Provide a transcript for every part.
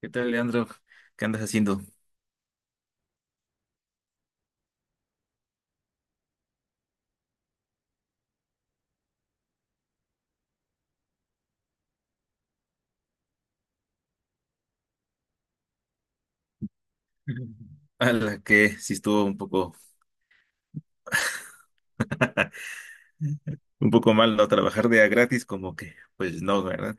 ¿Qué tal, Leandro? ¿Qué andas haciendo? A la que sí estuvo un poco mal no trabajar de a gratis, como que, pues no, ¿verdad?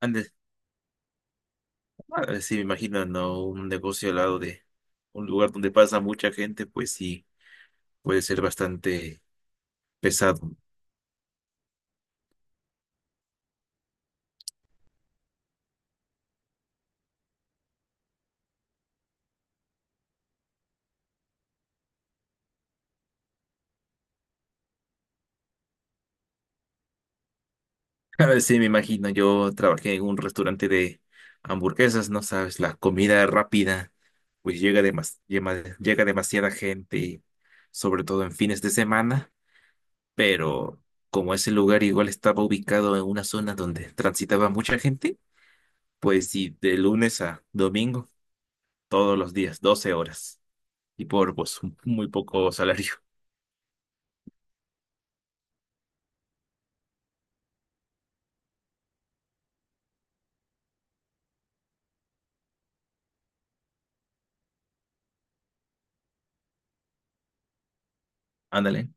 Antes, ah, sí, me imagino, no, un negocio al lado de un lugar donde pasa mucha gente, pues sí, puede ser bastante pesado. A ver, sí, me imagino, yo trabajé en un restaurante de hamburguesas, no sabes, la comida rápida, pues llega demasiada gente, sobre todo en fines de semana. Pero como ese lugar igual estaba ubicado en una zona donde transitaba mucha gente, pues sí, de lunes a domingo, todos los días, 12 horas, y por muy poco salario. Ándale,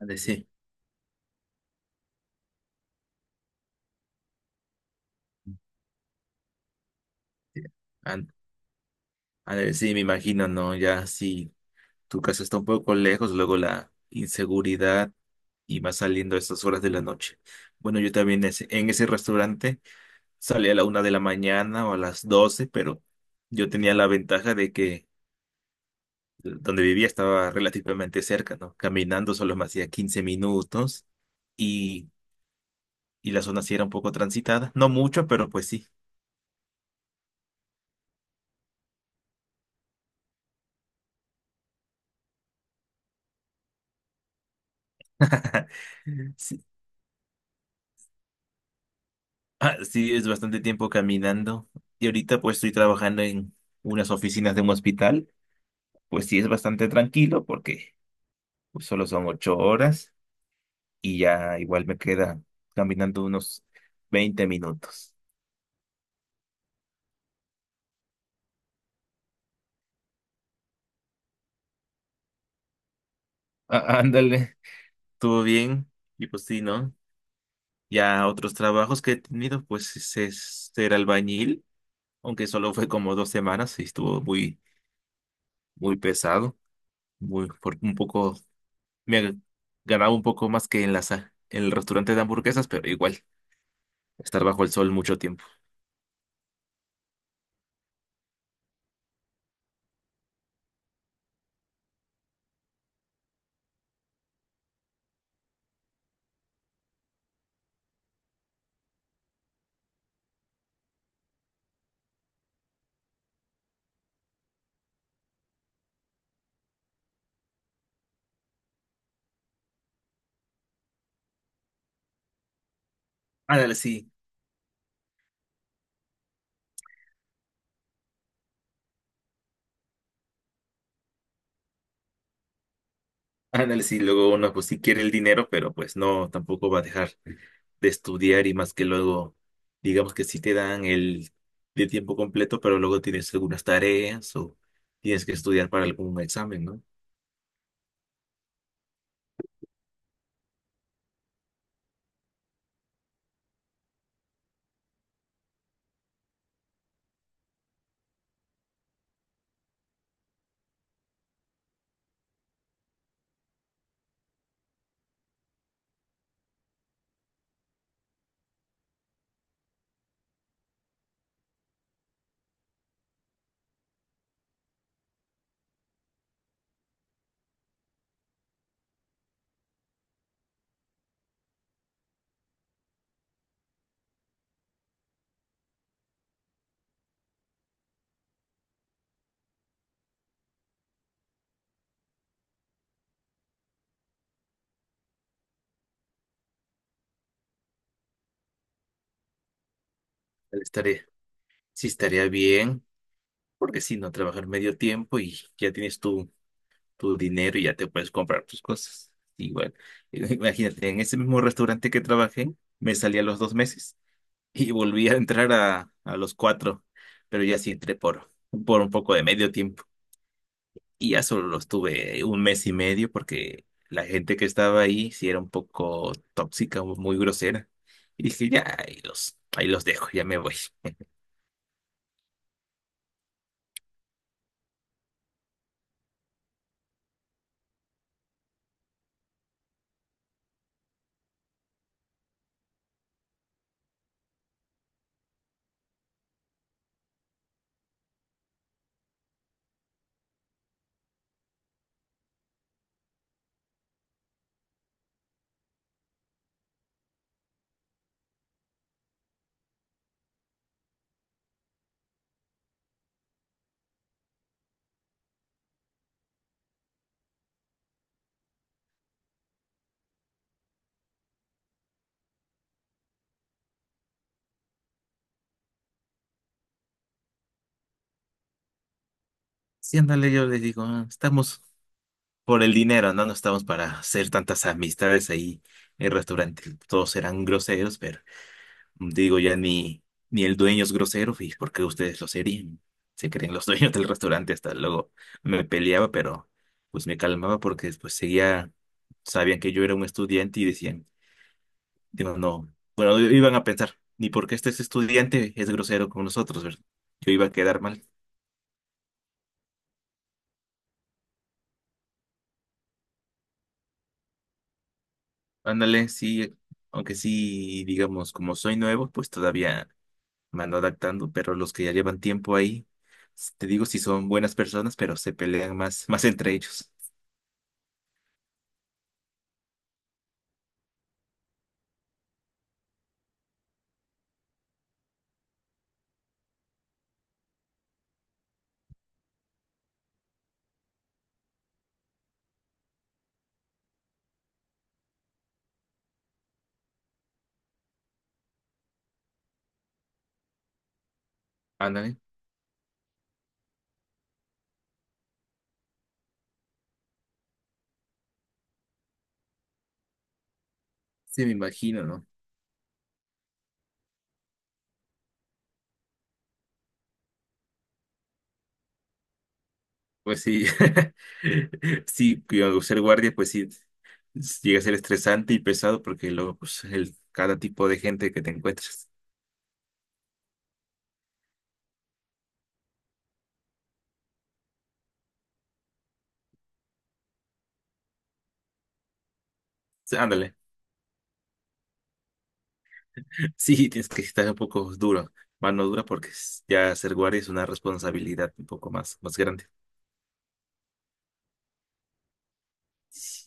ándale, sí. Sí, án- ándale, sí, me imagino, ¿no? Ya si tu casa está un poco lejos, luego la inseguridad y va saliendo a esas horas de la noche. Bueno, yo también en ese restaurante salía a la una de la mañana o a las doce, pero yo tenía la ventaja de que donde vivía estaba relativamente cerca, ¿no? Caminando solo me hacía 15 minutos y, y la zona sí era un poco transitada, no mucho, pero pues sí. Sí, ah, sí, es bastante tiempo caminando. Y ahorita pues estoy trabajando en unas oficinas de un hospital, pues sí es bastante tranquilo porque pues, solo son 8 horas y ya igual me queda caminando unos 20 minutos. Ah, ándale, estuvo bien y pues sí, ¿no? Ya otros trabajos que he tenido, pues es ser albañil, aunque solo fue como 2 semanas y estuvo muy, muy pesado, muy, por un poco, me ag- ganaba un poco más que en en el restaurante de hamburguesas, pero igual, estar bajo el sol mucho tiempo. Ándale, sí, ándale, sí, luego uno pues sí quiere el dinero, pero pues no, tampoco va a dejar de estudiar y más que luego, digamos que sí te dan el de tiempo completo, pero luego tienes algunas tareas o tienes que estudiar para algún examen, ¿no? estar Sí, estaría bien, porque si no, trabajar medio tiempo y ya tienes tu, tu dinero y ya te puedes comprar tus cosas. Igual, imagínate, en ese mismo restaurante que trabajé, me salí a los dos meses y volví a entrar a los cuatro, pero ya sí entré por un poco de medio tiempo y ya solo lo estuve un mes y medio porque la gente que estaba ahí sí era un poco tóxica, muy grosera. Y dije, ya, ahí los dejo, ya me voy. Sí, ándale, yo les digo, "Ah, estamos. Por el dinero, ¿no? No estamos para hacer tantas amistades ahí en el restaurante. Todos eran groseros, pero digo, ni el dueño es grosero, ¿y por qué ustedes lo serían? Se creen los dueños del restaurante. Hasta luego me peleaba, pero pues me calmaba porque después seguía, sabían que yo era un estudiante y decían, digo, no, bueno, iban a pensar, ni porque este es estudiante es grosero con nosotros, ¿verdad? Yo iba a quedar mal. Ándale, sí, aunque sí, digamos, como soy nuevo, pues todavía me ando adaptando, pero los que ya llevan tiempo ahí, te digo si son buenas personas, pero se pelean más, más entre ellos. Ándale. Sí, me imagino, ¿no? Pues sí, sí, cuidado, ser guardia, pues sí, llega a ser estresante y pesado porque luego, pues, el, cada tipo de gente que te encuentras. Sí, ándale. Sí, tienes que estar un poco duro, mano dura, porque ya ser guardia es una responsabilidad un poco más, más grande. Sí,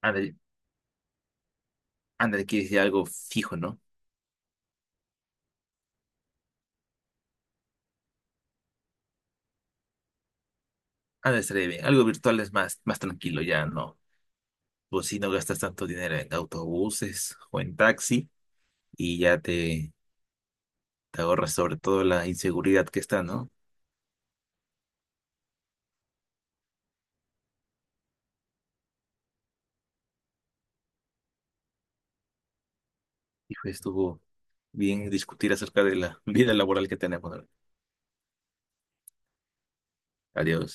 ándale, ándale, quieres decir algo fijo, ¿no? Ah, estaría bien. Algo virtual es más, más tranquilo, ya no. Pues si no gastas tanto dinero en autobuses o en taxi y ya te ahorras sobre todo la inseguridad que está, ¿no? Hijo, estuvo bien discutir acerca de la vida laboral que tenemos. ¿No? Adiós.